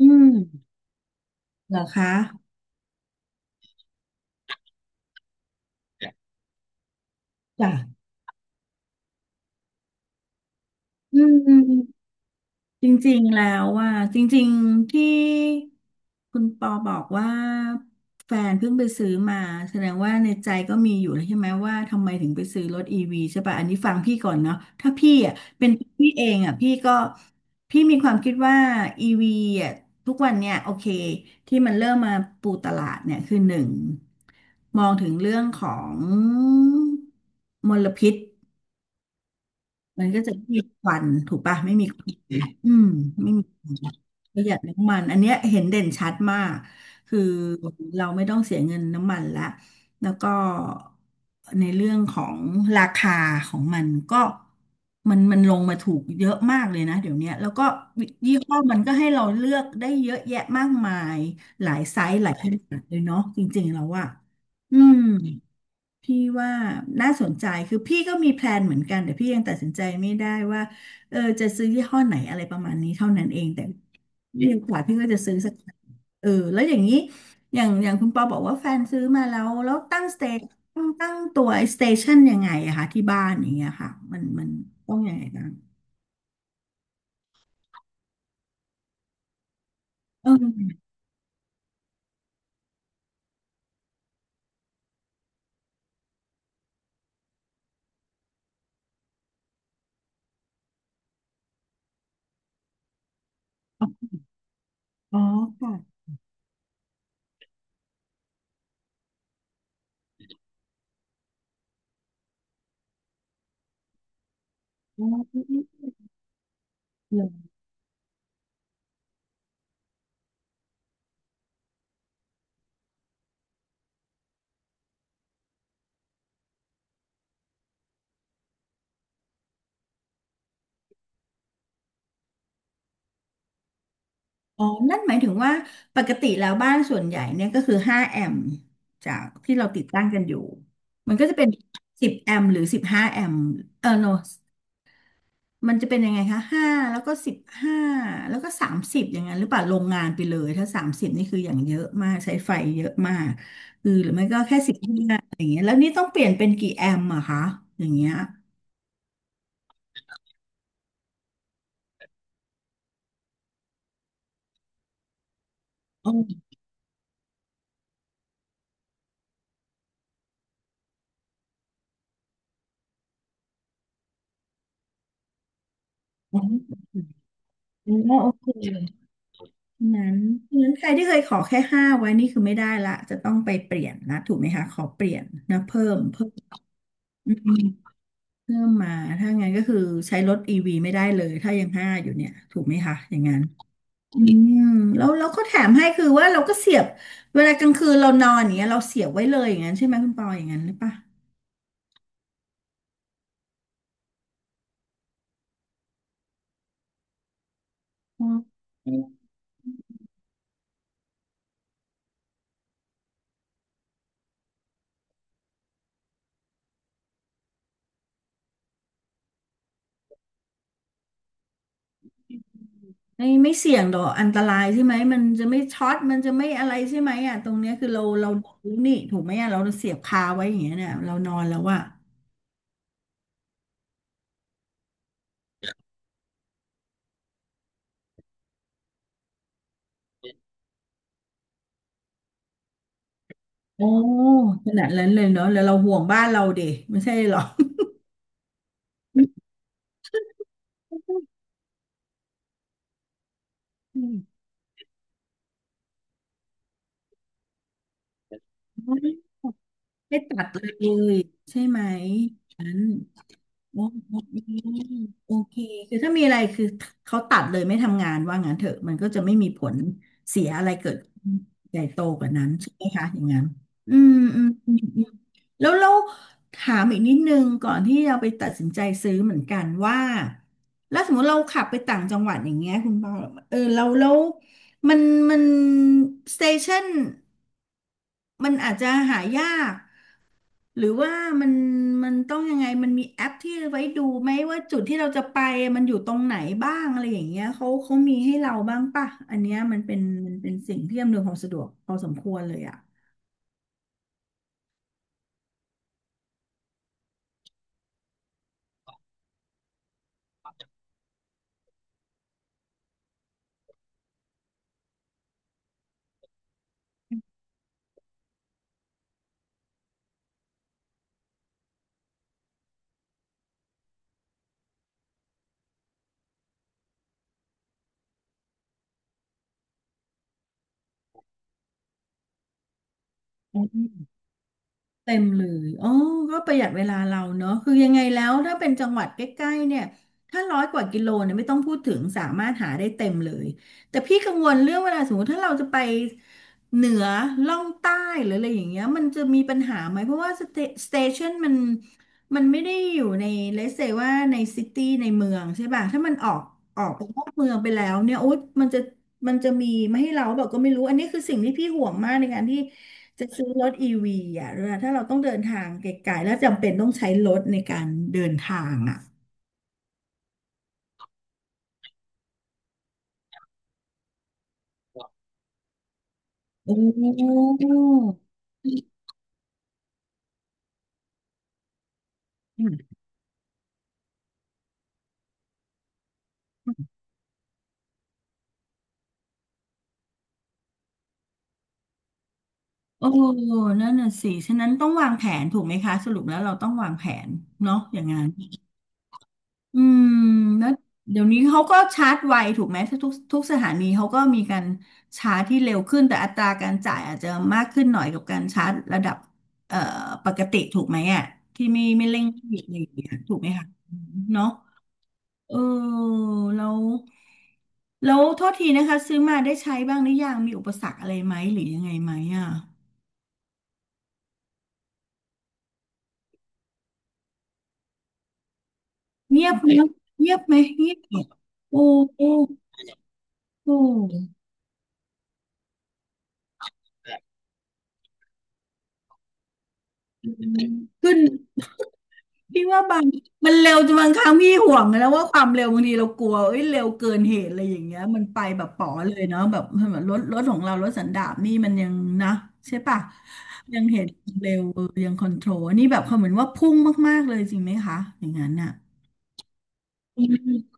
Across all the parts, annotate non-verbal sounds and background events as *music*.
อืมเหรอคะจ้ะอืมจริงๆแล้วว่าจริงๆที่คุณปอบอกว่าแฟนเพิ่งไปซื้อมาแสดงว่าในใจก็มีอยู่แล้วใช่ไหมว่าทำไมถึงไปซื้อรถอีวีใช่ป่ะอันนี้ฟังพี่ก่อนเนาะถ้าพี่อ่ะเป็นพี่เองอ่ะพี่ก็มีความคิดว่าอีวีอ่ะทุกวันเนี่ยโอเคที่มันเริ่มมาปูตลาดเนี่ยคือหนึ่งมองถึงเรื่องของมลพิษ มันก็จะไม่มีควันถูกปะไม่มีควันอืมไม่มีควันประหยัดน้ำมันอันเนี้ยเห็นเด่นชัดมากคือเราไม่ต้องเสียเงินน้ำมันละแล้วก็ในเรื่องของราคาของมันก็มันลงมาถูกเยอะมากเลยนะเดี๋ยวเนี้ยแล้วก็ยี่ห้อมันก็ให้เราเลือกได้เยอะแยะมากมายหลายไซส์หลายขนาดเลยเนาะจริงๆแล้วอะอืม พี่ว่าน่าสนใจคือพี่ก็มีแพลนเหมือนกันแต่พี่ยังตัดสินใจไม่ได้ว่าเออจะซื้อยี่ห้อไหนอะไรประมาณนี้เท่านั้นเองแต่มีโอกาสพี่ก็จะซื้อสักคันเออแล้วอย่างนี้อย่างคุณปอบอกว่าแฟนซื้อมาแล้วแล้วตั้งสเตตั้งตัวไอสเตชันยังไงอะคะที่บ้านอย่างเงี้ยค่ะมันต้องยังไงกันเอออ๋อค่ะอ๋อ อ๋อนั่นหมายถึงว่าปกติแล้วบ้านส่วนใหญ่เนี่ยก็คือ5แอมป์จากที่เราติดตั้งกันอยู่มันก็จะเป็น10แอมป์หรือ15แอมป์เออโนมันจะเป็นยังไงคะ5แล้วก็15แล้วก็30อย่างนั้นหรือเปล่าโรงงานไปเลยถ้า 30 นี่คืออย่างเยอะมากใช้ไฟเยอะมากคือหรือไม่ก็แค่15อย่างเงี้ยแล้วนี่ต้องเปลี่ยนเป็นกี่แอมป์อะคะอย่างเงี้ยอ๋ออ๋อโอเค นั้นนั้นใครที่เคยขอแค่ห้าไว้นี่คือไม่ได้ละจะต้องไปเปลี่ยนนะถูกไหมคะขอเปลี่ยนนะเพิ่มอืมเพิ่มมา ถ้างั้นก็คือใช้รถอีวีไม่ได้เลยถ้ายังห้าอยู่เนี่ยถูกไหมคะอย่างนั้นอืมแล้วก็แถมให้คือว่าเราก็เสียบเวลากลางคืนเรานอนอย่างเงี้ยเราเสียบไว้เลยอย่างนั้นใช่ไหมคุณปออย่างนั้นหรือปะอ๋อไม่เสี่ยงหรอกอันตรายใช่ไหมมันจะไม่ช็อตมันจะไม่อะไรใช่ไหมอ่ะตรงเนี้ยคือเราดูนี่ถูกไหมอ่ะเราเสียบคาไว้อย่างเงี้ยเนี่ยเรานอนแล้วอ่ะ โอ้ขนาดนั้นเลยเนาะแล้วเราห่วงบ้านเราดิไม่ใช่หรอ *laughs* ไม่ตัดเลยใช่ไหมฉัน อ๋อโอเคคือถ้ามีอะไรคือเขาตัดเลยไม่ทำงานว่างั้นเถอะมันก็จะไม่มีผลเสียอะไรเกิดขึ้นใหญ่โตกว่านั้นใช่ไหมคะอย่างนั้นอืมอืมอืมอืมแล้วเราถามอีกนิดนึงก่อนที่เราไปตัดสินใจซื้อเหมือนกันว่าแล้วสมมติเราขับไปต่างจังหวัดอย่างเงี้ยคุณปอเออเรามันมันสเตชันมันอาจจะหายาก หรือว่ามันต้องยังไงมันมีแอปที่ไว้ดูไหมว่าจุดที่เราจะไปมันอยู่ตรงไหนบ้างอะไรอย่างเงี้ยเขามีให้เราบ้างป่ะอันเนี้ยมันเป็นสิ่งที่อำนวยความสะดวกพอสมควรเลยอ่ะ เต็มเลยอ๋อก็ประหยัดเวลาเราเนอะคือยังไงแล้วถ้าเป็นจังหวัดใกล้ๆเนี่ย ถ้าร้อยกว่ากิโลเนี่ยไม่ต้องพูดถึงสามารถหาได้เต็มเลย แต่พี่กังวลเรื่องเวลาสมมติถ้าเราจะไปเหนือล่องใต้หรืออะไรอย่างเงี้ยมันจะมีปัญหาไหม เพราะว่าสเตชันมันไม่ได้อยู่ในเลเซว่าในซิตี้ในเมืองใช่ป่ะถ้ามันออกไปนอกเมืองไปแล้วเนี่ยโอ๊ยมันจะมีไม่ให้เราแบบก็ไม่รู้อันนี้คือสิ่งที่พี่ห่วงมากในการที่ จะซื้อรถอีวีอ่ะเวลาถ้าเราต้องเดินทางไกลๆแล้วจำเป็นต้องใช้รถในการเดินทางอ่ะโอ้อืมโอ้นั่นน่ะสิฉะนั้นต้องวางแผนถูกไหมคะสรุปแล้วเราต้องวางแผนเนาะอย่างนั้น อืมแล้วเดี๋ยวนี้เขาก็ชาร์จไวถูกไหมทุกสถานีเขาก็มีการชาร์จที่เร็วขึ้นแต่อัตราการจ่ายอาจจะมากขึ้นหน่อยกับการชาร์จระดับเอ่อปกติถูกไหมอ่ะที่ไม่เร่งรีบอะไรอย่างเงี้ยถูกไหมคะเนาะเออแล้วแล้วโทษทีนะคะซื้อมาได้ใช้บ้างหรือยังมีอุปสรรคอะไรไหมหรือยังไงไหมอ่ะเงียบไหมเงียบเหรอโอ้โอ้โอ้ขึ้น พี่ว่าบางมันเร็วจนบางครั้งพี่ห่วงนะว่าความเร็วบางทีเรากลัวเอ้ยเร็วเกินเหตุอะไรอย่างเงี้ยมันไปแบบป๋อเลยเนาะแบบเหมือนรถของเรารถสันดาปนี่มันยังนะใช่ปะยังเห็นเร็วเออยังคอนโทรลอันนี่แบบเขาเหมือนว่าพุ่งมากๆเลยจริงไหมคะอย่างนั้นน่ะอืม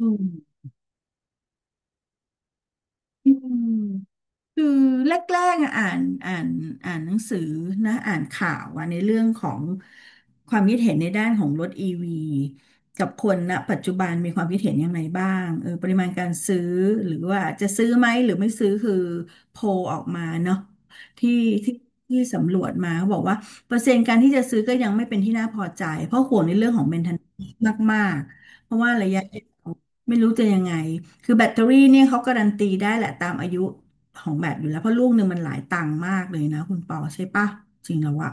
อืม คือแรกๆอะอ่านอ่านหนังสือนะอ่านข่าวอะในเรื่องของความคิดเห็นในด้านของรถอีวีกับคนณปัจจุบันมีความคิดเห็นยังไงบ้างเออปริมาณการซื้อหรือว่าจะซื้อไหมหรือไม่ซื้อคือโพลออกมาเนาะที่ที่ที่สำรวจมาเขาบอกว่าเปอร์เซ็นต์การที่จะซื้อก็ยังไม่เป็นที่น่าพอใจเพราะห่วงในเรื่องของ m a i เ t e n a n c e มากๆเพราะว่าระยะยาวไม่รู้จะยังไงคือแบตเตอรี่เนี่ยเขาการันตีได้แหละตามอายุ ของแบบอยู่แล้วเพราะลูกหนึ่งมันหลายตังค์มากเลยนะคุณปอใช่ปะจริงแล้วอะ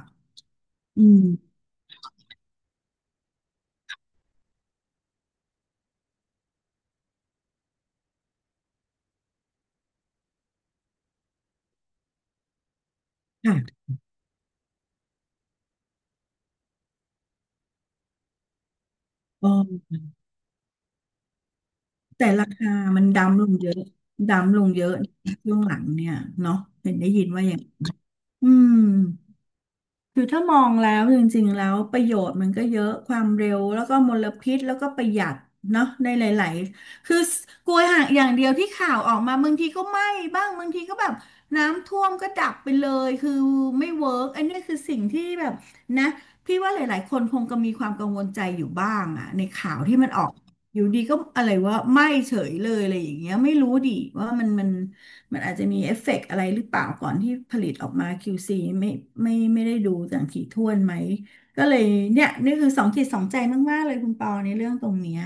อืมค่ะเออแต่ราคามันดำลงเยอะดำลงเยอะช่วงหลังเนี่ยเนาะเห็นได้ยินว่าอย่างอืม คือถ้ามองแล้วจริงๆแล้วประโยชน์มันก็เยอะความเร็วแล้วก็มลพิษแล้วก็ประหยัดเนาะในหลายๆคือกลัวห่างอย่างเดียวที่ข่าวออกมาบางทีก็ไหม้บ้างบางทีก็แบบน้ำท่วมก็ดับไปเลยคือไม่เวิร์กอันนี้คือสิ่งที่แบบนะพี่ว่าหลายๆคนคงก็มีความกังวลใจอยู่บ้างอะในข่าวที่มันออกอยู่ดีก็อะไรว่าไหม้เฉยเลยอะไรอย่างเงี้ยไม่รู้ดิว่ามัน มันอาจจะมีเอฟเฟกต์อะไรหรือเปล่าก่อนที่ผลิตออกมา QC ไม่ไม่ได้ดูอย่างถี่ถ้วนไหมก็เลยเนี่ยนี่คือสองจิตสองใจมากๆเลยคุณปอในเรื่องตรงเนี้ย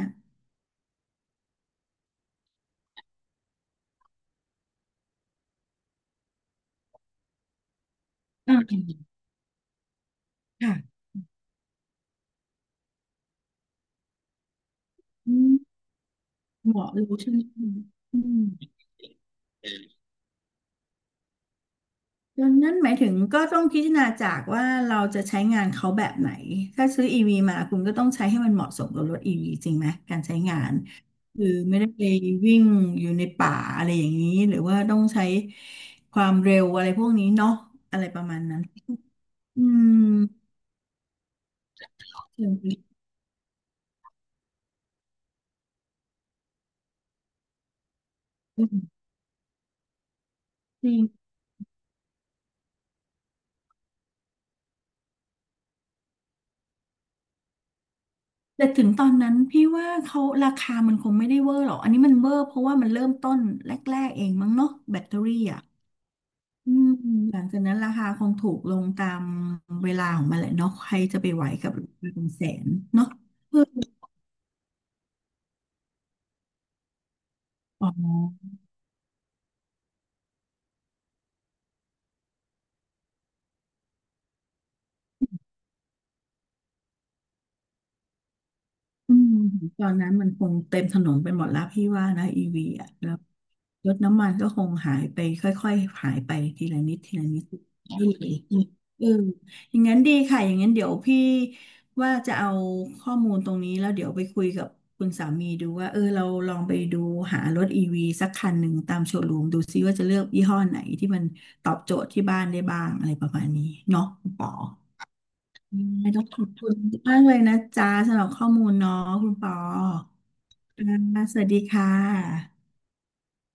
อ่าค่ะอืมเหมาะรู้ใช่ไหมอืม ดังนั้นหมายถึงก็ต้องพิจารณาจากว่าเราจะใช้งานเขาแบบไหน ถ้าซื้อ EV มาคุณก็ต้องใช้ให้มันเหมาะสมกับรถ EV จริงไหม การใช้งานคือไม่ได้ไปวิ่งอยู่ในป่าอะไรอย่างนี้ หรือว่าต้องใช้ความเร็วอะไรพวกนี้เนาะอะไรประมาณนั้นอืมจริงจริงแต่ถึงตอนนั้นพี่ว่าเขาราคามันคงไม่ได้เวอร์หรอกอันนี้มันเวอร์เพราะว่ามันเริ่มต้นแรกๆเองมั้งเนาะแบตเตอรี่อ่ะ อืมหลังจากนั้นราคาคงถูกลงตามเวลาของมันแหละเนาะใครจะไปไหวกับราคาเป็นแสนเนาะเอออ๋อ อืมตอนนั้นมันคงเต็มถนนไปหมดแล้วพี่ว่านะอีวีอ่ะแล้วรถน้ำมันก็คงหายไปค่อยๆหายไปทีละนิดทีละนิดไม่เหลยเอออย่างนั้นดีค่ะอย่างนั้นเดี๋ยวพี่ว่าจะเอาข้อมูลตรงนี้แล้วเดี๋ยวไปคุยกับคุณสามีดูว่าเออเราลองไปดูหารถอีวีสักคันหนึ่งตามโชว์รูมดูซิว่าจะเลือกยี่ห้อไหนที่มันตอบโจทย์ที่บ้านได้บ้างอะไรประมาณนี้เนาะคุณปอ ไม่ต้องขอบคุณมากเลยนะจ๊ะสำหรับข้อมูลเนาะคุณปออ่าสวัสดีค่ะ